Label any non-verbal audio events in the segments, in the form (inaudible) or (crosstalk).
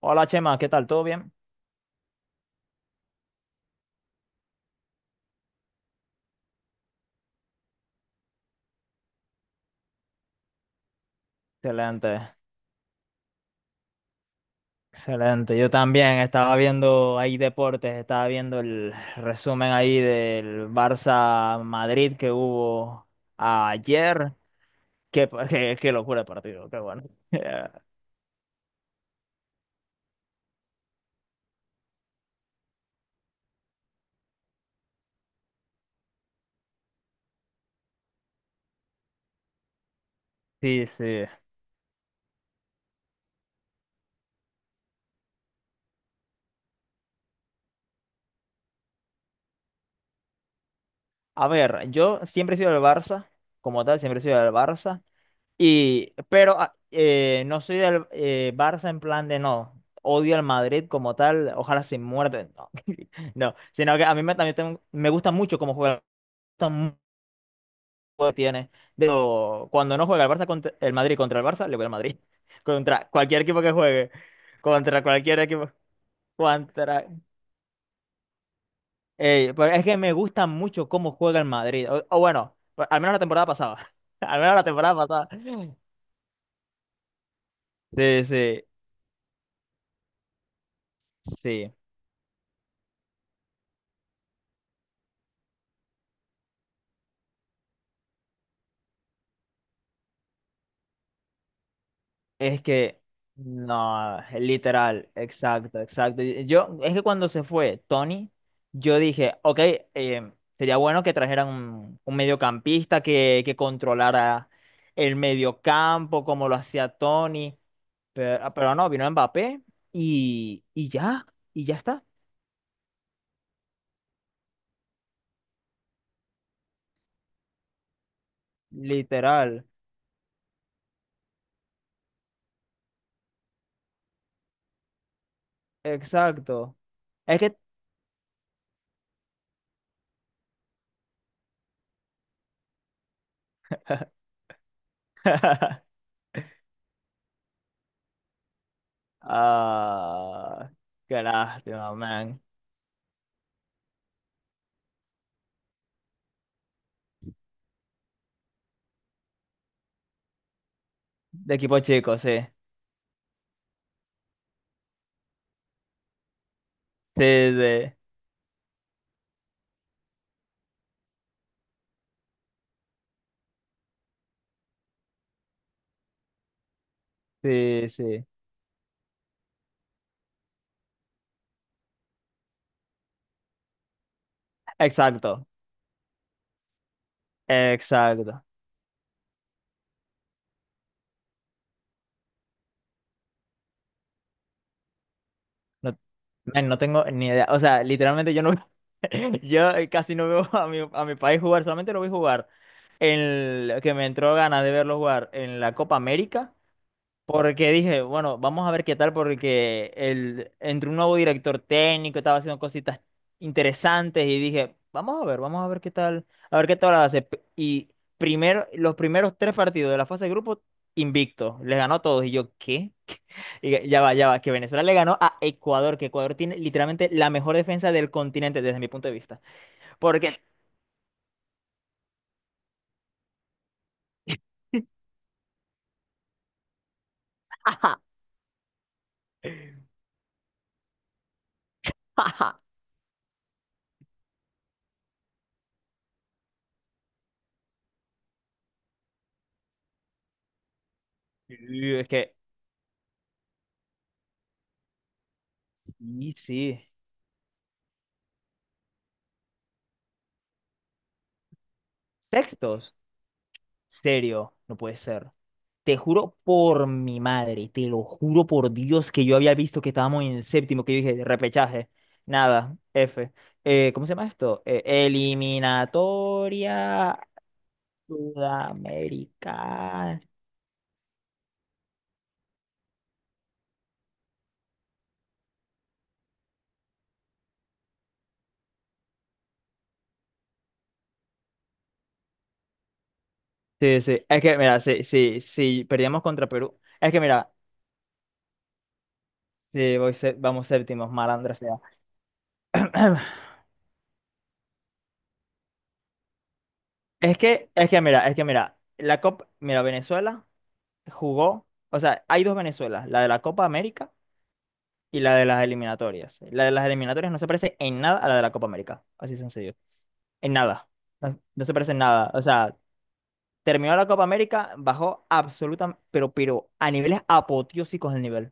Hola Chema, ¿qué tal? ¿Todo bien? Excelente, excelente. Yo también estaba viendo ahí deportes, estaba viendo el resumen ahí del Barça Madrid que hubo ayer. (laughs) Qué locura de partido, qué bueno. (laughs) Sí, sí. A ver, yo siempre he sido del Barça, como tal, siempre he sido del Barça. Pero no soy del Barça en plan de no, odio al Madrid como tal, ojalá se muerde, no, (laughs) no, sino que a mí me gusta mucho cómo juega, me gusta mucho el juego que tiene. De hecho, cuando no juega el Madrid contra el Barça, le voy al Madrid, (laughs) contra cualquier equipo que juegue, contra cualquier equipo, contra... pero es que me gusta mucho cómo juega el Madrid, o bueno, al menos la temporada pasada, (laughs) al menos la temporada pasada, sí, sí, sí. Es que, no, literal, exacto, exacto. Yo, es que cuando se fue Tony, yo dije, ok, eh, sería bueno que trajeran un mediocampista que controlara el mediocampo, como lo hacía Tony, pero no, vino Mbappé y, y ya, y ya está, literal, exacto. Es que, (laughs) ah, qué lástima, man. De equipo chico, sí, sí, sí. Sí, sí. Exacto. Exacto. No, man, no tengo ni idea. O sea, literalmente yo no (laughs) yo casi no veo a a mi país jugar, solamente lo vi jugar en que me entró ganas de verlo jugar en la Copa América. Porque dije, bueno, vamos a ver qué tal, porque entre un nuevo director técnico estaba haciendo cositas interesantes y dije, vamos a ver qué tal, a ver qué tal hace. Y primero, los primeros tres partidos de la fase de grupo, invicto, les ganó a todos. Y yo, ¿qué? Y ya va, que Venezuela le ganó a Ecuador, que Ecuador tiene literalmente la mejor defensa del continente desde mi punto de vista. Porque (laughs) y es que. Y sí. Sextos. Serio, no puede ser. Te juro por mi madre, te lo juro por Dios que yo había visto que estábamos en séptimo, que yo dije, repechaje. Nada, F. ¿Cómo se llama esto? Eliminatoria sudamericana. Sí, sí. Es que, mira, si perdíamos contra Perú. Es que, mira, si voy sé- vamos séptimos, malandra sea. (clears throat) Es que, mira, mira, mira, Venezuela jugó, o sea, hay dos Venezuelas, la de la Copa América y la de las eliminatorias. La de las eliminatorias no se parece en nada a la de la Copa América, así sencillo, en nada, no se parece en nada. O sea, terminó la Copa América, bajó absolutamente, pero a niveles apoteósicos el nivel.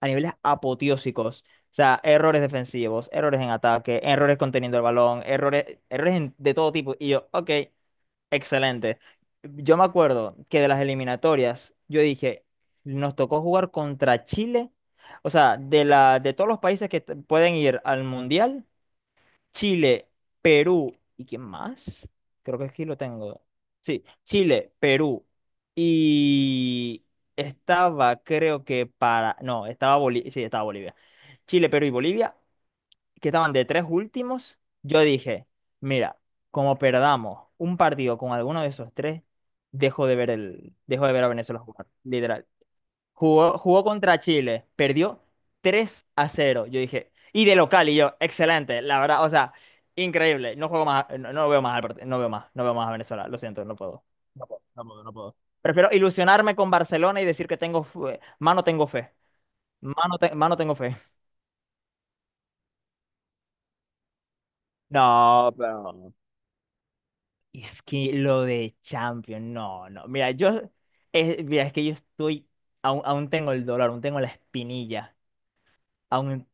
A niveles apoteósicos. O sea, errores defensivos, errores en ataque, errores conteniendo el balón, de todo tipo. Y yo, ok, excelente. Yo me acuerdo que de las eliminatorias, yo dije, nos tocó jugar contra Chile. O sea, de todos los países pueden ir al Mundial, Chile, Perú, ¿y quién más? Creo que aquí lo tengo. Sí, Chile, Perú. Y estaba, creo que para... No, estaba Bolivia. Sí, estaba Bolivia. Chile, Perú y Bolivia, que estaban de tres últimos. Yo dije, mira, como perdamos un partido con alguno de esos tres, dejo de ver a Venezuela jugar. Literal. Jugó contra Chile, perdió 3-0. Yo dije, y de local, y yo, excelente, la verdad, o sea, increíble. No juego más, no veo más al no veo más a Venezuela, lo siento, no puedo. No puedo, no puedo, no puedo. Prefiero ilusionarme con Barcelona y decir que mano tengo fe. Mano, mano tengo fe. No, pero es que lo de Champions, no, no. Mira, mira, es que yo estoy, aún tengo el dolor, aún tengo la espinilla. Aún,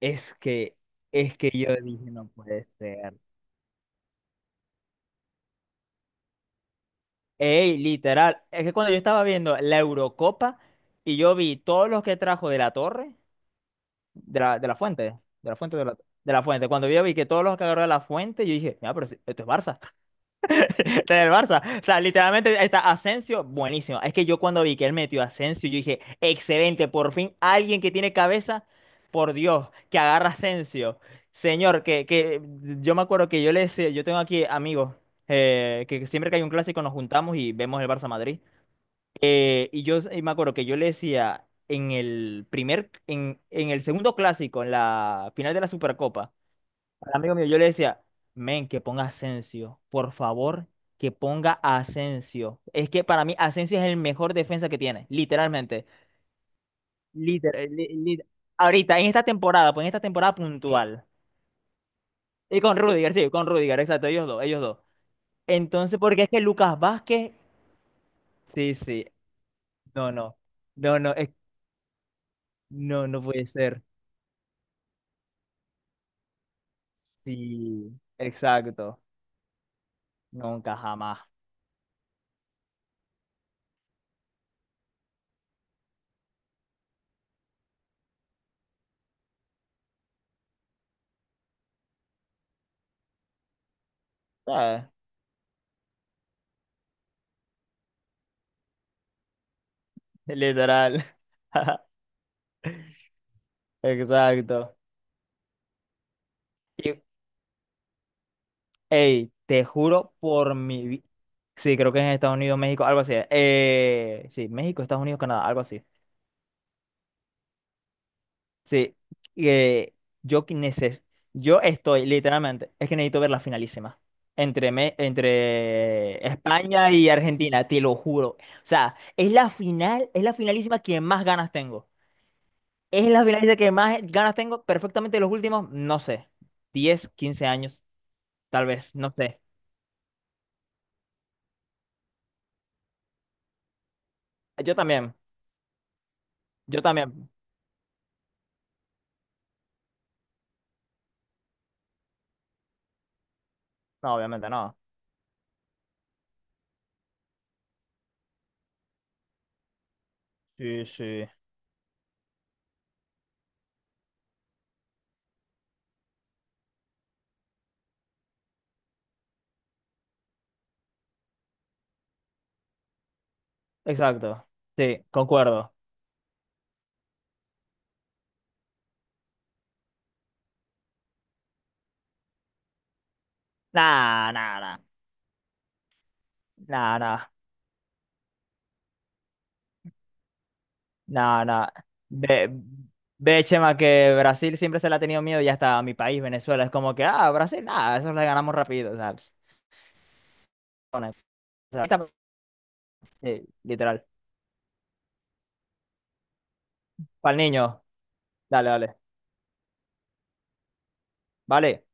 Es que, es que yo dije, no puede ser. Ey, literal, es que cuando yo estaba viendo la Eurocopa y yo vi todos los que trajo de la torre, de la fuente, la fuente de la, de la fuente, cuando yo vi que todos los que agarró de la fuente, yo dije, mira, esto es Barça. Está en el Barça. O sea, literalmente está Asensio, buenísimo. Es que yo cuando vi que él metió a Asensio, yo dije, excelente, por fin alguien que tiene cabeza, por Dios, que agarra a Asensio. Señor, que yo me acuerdo que yo le decía, yo tengo aquí amigos, que siempre que hay un clásico nos juntamos y vemos el Barça Madrid. Y yo me acuerdo que yo le decía en en el segundo clásico, en la final de la Supercopa, al amigo mío, yo le decía, men, que ponga Asensio, por favor, que ponga Asensio. Es que para mí Asensio es el mejor defensa que tiene, literalmente. Liter- eh, li- li- Ahorita, en esta temporada, pues en esta temporada puntual. Y con Rudiger, sí, con Rudiger, exacto, ellos dos, ellos dos. Entonces, porque es que Lucas Vázquez, sí, sí, no, no, no, no, no, no puede ser. Sí, exacto, nunca jamás, ¿sabes? Literal, (laughs) exacto. Ey, te juro por mi vida, sí, creo que es en Estados Unidos, México, algo así. Sí, México, Estados Unidos, Canadá, algo así. Sí, eh, yo que neces- yo estoy literalmente, es que necesito ver la finalísima entre España y Argentina, te lo juro. O sea, es la final, es la finalísima que más ganas tengo. Es la finalísima que más ganas tengo, perfectamente los últimos, no sé, 10, 15 años, tal vez, no sé. Yo también, yo también. No, obviamente no. Sí, sí. Exacto. Sí, concuerdo. Nah, nah, nah. Nah, nah. Nah, nah. Ve, ve, Chema, que Brasil siempre se le ha tenido miedo y hasta a mi país, Venezuela, es como que, Brasil, nada, eso le ganamos rápido, ¿sabes? Bueno, o sea, sí, literal. Para el niño. Dale, dale. Vale.